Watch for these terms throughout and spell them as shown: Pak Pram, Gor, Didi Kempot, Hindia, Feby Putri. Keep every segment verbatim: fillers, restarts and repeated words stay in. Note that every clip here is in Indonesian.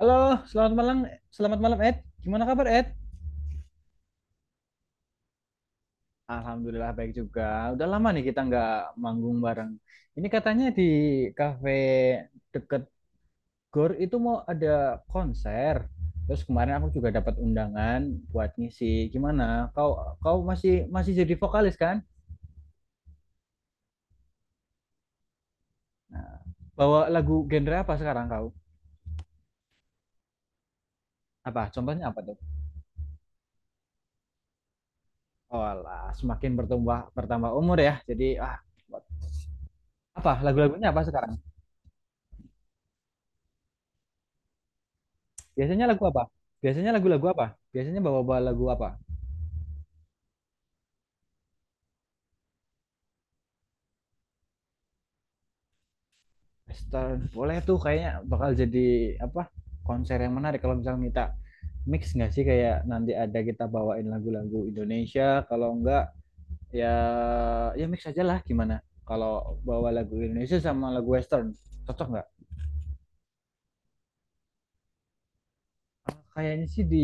Halo, selamat malam, selamat malam Ed. Gimana kabar Ed? Alhamdulillah baik juga. Udah lama nih kita nggak manggung bareng. Ini katanya di kafe deket Gor itu mau ada konser. Terus kemarin aku juga dapat undangan buat ngisi. Gimana? Kau kau masih masih jadi vokalis kan? Nah, bawa lagu genre apa sekarang kau? Apa? Contohnya apa tuh? Oh, semakin bertambah bertambah umur ya. Jadi ah, apa lagu-lagunya apa sekarang? Biasanya lagu apa? Biasanya lagu-lagu apa? Biasanya bawa-bawa lagu apa? Mister, boleh tuh kayaknya bakal jadi apa? Konser yang menarik kalau misalnya kita mix nggak sih, kayak nanti ada kita bawain lagu-lagu Indonesia, kalau enggak ya ya mix aja lah, gimana? Kalau bawa lagu Indonesia sama lagu Western, cocok nggak? Ah, kayaknya sih di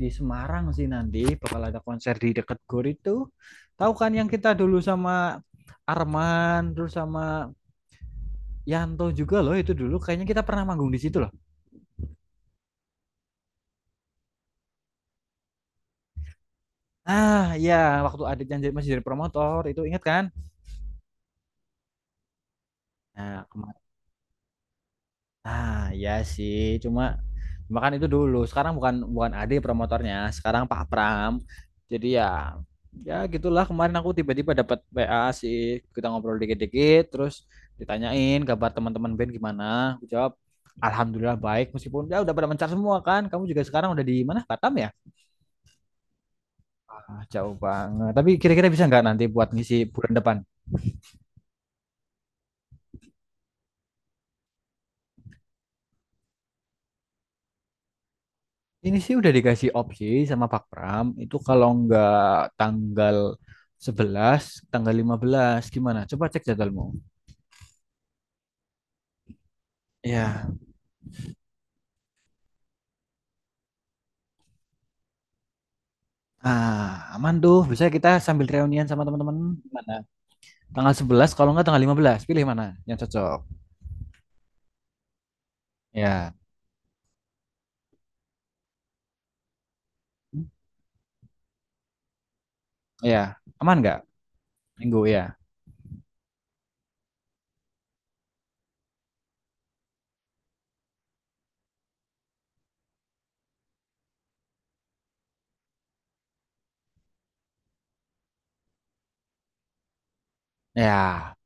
di Semarang sih nanti bakal ada konser di deket GOR itu. Tahu kan yang kita dulu sama Arman terus sama Yanto juga loh, itu dulu kayaknya kita pernah manggung di situ loh. Ah iya, waktu Adit yang masih jadi promotor itu, ingat kan? Nah kemarin, ah iya sih, cuma cuma kan itu dulu, sekarang bukan bukan Adit promotornya, sekarang Pak Pram. Jadi ya ya gitulah, kemarin aku tiba-tiba dapat W A sih, kita ngobrol dikit-dikit terus ditanyain kabar teman-teman band gimana. Aku jawab Alhamdulillah baik, meskipun ya udah pada mencar semua kan. Kamu juga sekarang udah di mana? Batam ya? Ah, jauh banget. Tapi kira-kira bisa nggak nanti buat ngisi bulan depan? Ini sih udah dikasih opsi sama Pak Pram. Itu kalau nggak tanggal sebelas, tanggal lima belas gimana? Coba cek jadwalmu. Ya, ah, aman tuh. Bisa kita sambil reunian sama teman-teman. Gimana? Tanggal sebelas kalau nggak tanggal lima belas, pilih mana yang cocok. Ya, ya, aman nggak? Minggu ya. Ya.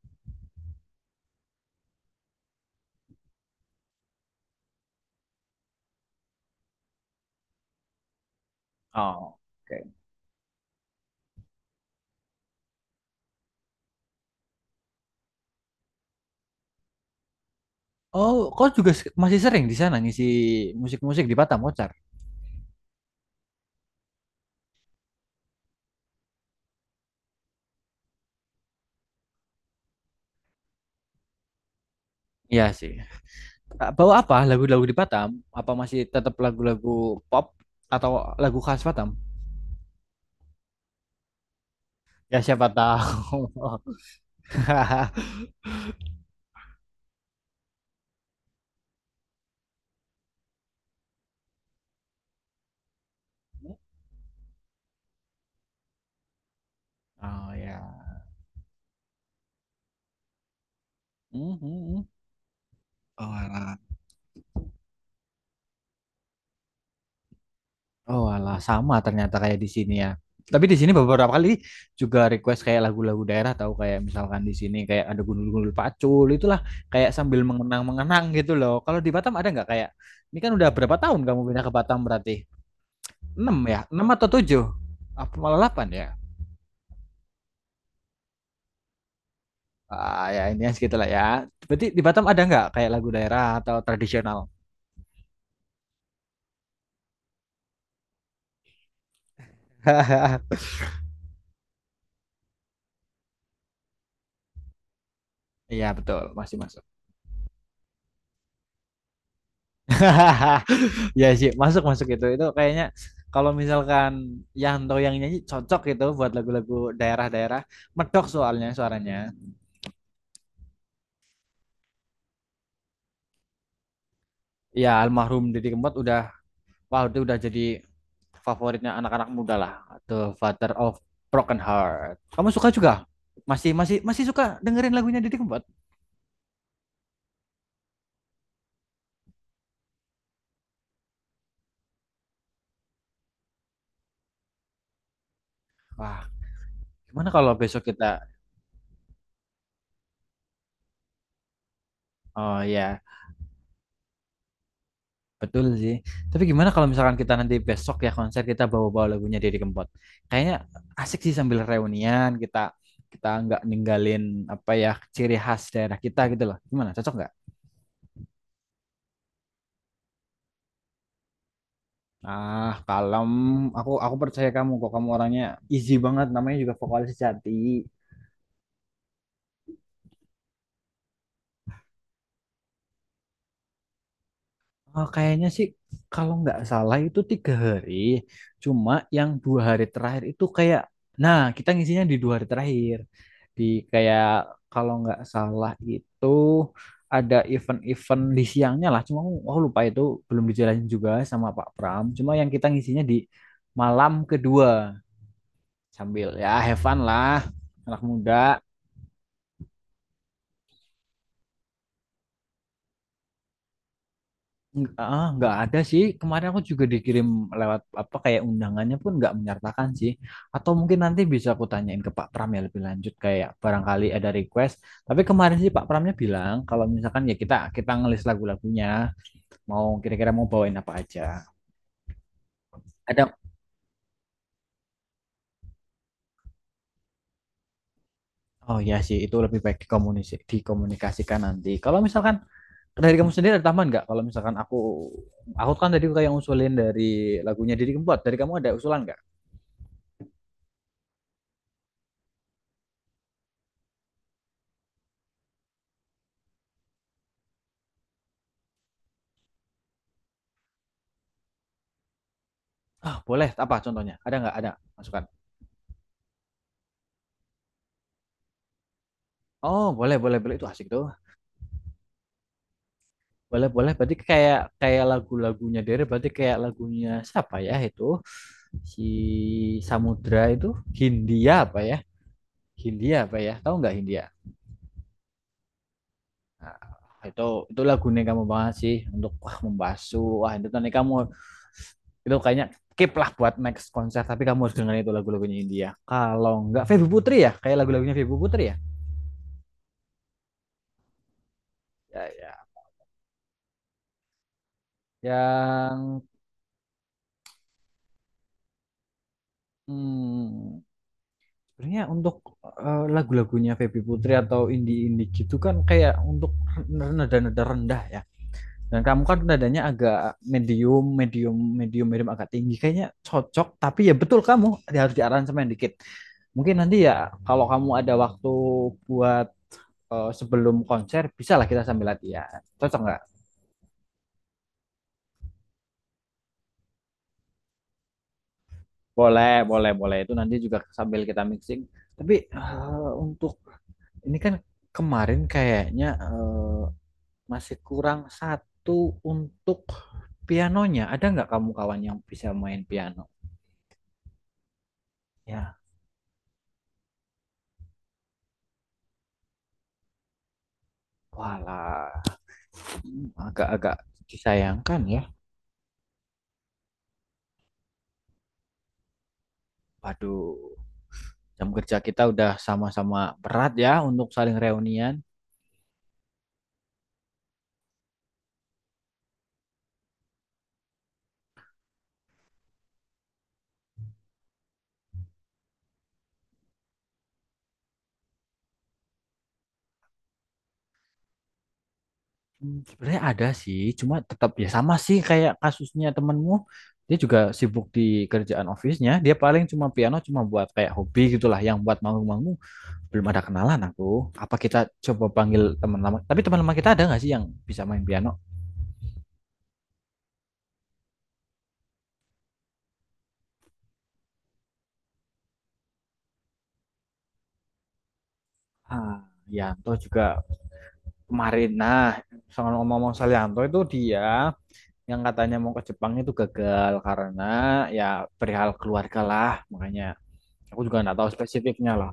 Oh, oke. Oh, kau juga se- masih sering di sana ngisi musik-musik di Batam, Kocar? Iya sih. Eh, bawa apa? Lagu-lagu di Batam? Apa masih tetap lagu-lagu pop atau lagu khas Batam? Ya siapa tahu. Oh ya. Mhm. Oh, alah. Oh alah, sama ternyata kayak di sini ya. Tapi di sini beberapa kali juga request kayak lagu-lagu daerah, tahu kayak misalkan di sini kayak ada gundul-gundul pacul itulah, kayak sambil mengenang-mengenang gitu loh. Kalau di Batam ada nggak kayak ini? Kan udah berapa tahun kamu pindah ke Batam berarti? Enam ya? Enam atau tujuh? Apa malah delapan ya? Ah, ya intinya segitulah ya. Berarti di Batam ada nggak kayak lagu daerah atau tradisional? Iya betul, masih masuk. Iya sih, masuk masuk itu. Itu kayaknya kalau misalkan Yanto yang nyanyi cocok gitu buat lagu-lagu daerah-daerah. Medok soalnya suaranya. Iya, almarhum Didi Kempot udah, wah itu udah jadi favoritnya anak-anak muda lah. The Father of Broken Heart. Kamu suka juga? Masih masih masih suka dengerin lagunya Didi Kempot? Wah, gimana kalau besok kita. Oh ya. Betul sih. Tapi gimana kalau misalkan kita nanti besok ya konser, kita bawa-bawa lagunya Deddy Kempot. Kayaknya asik sih sambil reunian, kita kita nggak ninggalin apa ya, ciri khas daerah kita gitu loh. Gimana? Cocok nggak? Ah, kalem. Aku aku percaya kamu kok. Kamu orangnya easy banget. Namanya juga vokalis sejati. Oh, kayaknya sih kalau nggak salah itu tiga hari. Cuma yang dua hari terakhir itu kayak, nah kita ngisinya di dua hari terakhir. Di, kayak kalau nggak salah itu ada event-event di siangnya lah. Cuma aku aku lupa itu, belum dijalanin juga sama Pak Pram. Cuma yang kita ngisinya di malam kedua sambil ya have fun lah anak muda. Nggak, ah, nggak ada sih. Kemarin aku juga dikirim lewat apa, kayak undangannya pun nggak menyertakan sih. Atau mungkin nanti bisa aku tanyain ke Pak Pram ya lebih lanjut, kayak barangkali ada request. Tapi kemarin sih Pak Pramnya bilang kalau misalkan ya kita kita ngelis lagu-lagunya mau kira-kira mau bawain apa aja. Ada. Oh ya sih, itu lebih baik dikomunisi- dikomunikasikan nanti. Kalau misalkan dari kamu sendiri ada tambahan nggak? Kalau misalkan aku aku kan tadi kayak usulin dari lagunya Didi Kempot. Dari kamu ada usulan nggak? Ah, boleh, apa contohnya? Ada nggak? Ada masukan? Oh, boleh, boleh, boleh. Itu asik tuh. Boleh, boleh. Berarti kayak kayak lagu-lagunya Dere, berarti kayak lagunya siapa ya itu? Si Samudra itu, Hindia apa ya? Hindia apa ya? Tahu nggak Hindia? Nah, itu itu lagunya kamu banget sih, untuk wah membasuh. Wah, itu nanti kamu, itu kayaknya keep lah buat next konser, tapi kamu harus dengerin itu lagu-lagunya India, kalau nggak Feby Putri ya, kayak lagu-lagunya Feby Putri ya, ya, ya, yang hmm, Sebenarnya untuk eh, lagu-lagunya Feby Putri atau indie-indie gitu kan kayak untuk nada-nada rendah ya. Dan kamu kan nadanya agak medium, medium, medium, medium agak tinggi. Kayaknya cocok, tapi ya betul kamu harus diaransemen dikit. Mungkin nanti ya kalau kamu ada waktu buat eh, sebelum konser, bisa lah kita sambil latihan. Cocok nggak? Boleh, boleh, boleh. Itu nanti juga sambil kita mixing. Tapi eh, untuk ini kan kemarin kayaknya eh, Masih kurang satu untuk pianonya. Ada nggak kamu kawan yang bisa main piano? Ya, walah. Hmm, agak-agak disayangkan ya. Waduh, jam kerja kita udah sama-sama berat ya untuk saling reunian. Hmm, sebenarnya ada sih, cuma tetap ya sama sih kayak kasusnya temenmu. Dia juga sibuk di kerjaan office-nya. Dia paling cuma piano, cuma buat kayak hobi gitulah, yang buat manggung-manggung belum ada kenalan aku. Apa kita coba panggil teman lama? Tapi teman lama kita ada nggak sih yang bisa main piano? Ah, Yanto juga kemarin. Nah, soal ngomong-ngomong soal Yanto, itu dia yang katanya mau ke Jepang itu gagal karena ya perihal keluarga lah, makanya aku juga nggak tahu spesifiknya lah.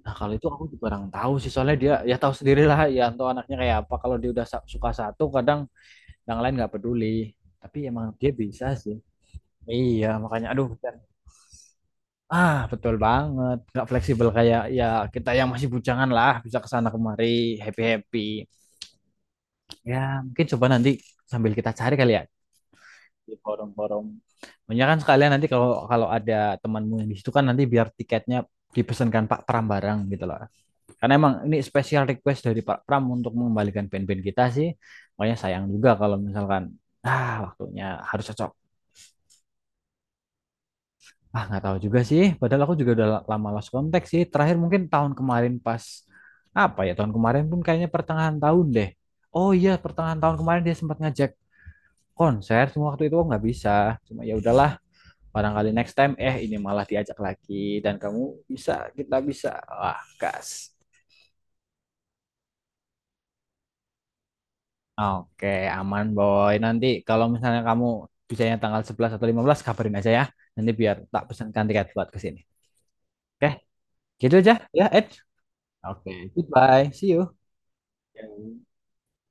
Nah kalau itu aku juga kurang tahu sih, soalnya dia ya tahu sendiri lah Yanto anaknya kayak apa, kalau dia udah suka satu kadang yang lain nggak peduli, tapi emang dia bisa sih, iya makanya aduh. Ah, betul banget. Nggak fleksibel kayak ya kita yang masih bujangan lah, bisa ke sana kemari, happy-happy. Ya, mungkin coba nanti sambil kita cari kali ya di forum-forum. Makanya kan sekalian nanti kalau kalau ada temanmu yang di situ, kan nanti biar tiketnya dipesankan Pak Pram bareng gitu loh. Karena emang ini special request dari Pak Pram untuk mengembalikan band-band kita sih. Makanya sayang juga kalau misalkan ah, waktunya harus cocok. Ah, nggak tahu juga sih. Padahal aku juga udah la- lama lost contact sih. Terakhir mungkin tahun kemarin pas, apa ya? Tahun kemarin pun kayaknya pertengahan tahun deh. Oh iya, pertengahan tahun kemarin dia sempat ngajak konser. Cuma waktu itu aku nggak bisa. Cuma ya udahlah, barangkali next time eh ini malah diajak lagi dan kamu bisa, kita bisa. Wah, gas. Oke, aman boy. Nanti kalau misalnya kamu bisanya tanggal sebelas atau lima belas, kabarin aja ya. Nanti biar tak pesankan tiket buat ke sini. Oke, gitu aja ya, Ed. Oke, goodbye. See you. Yang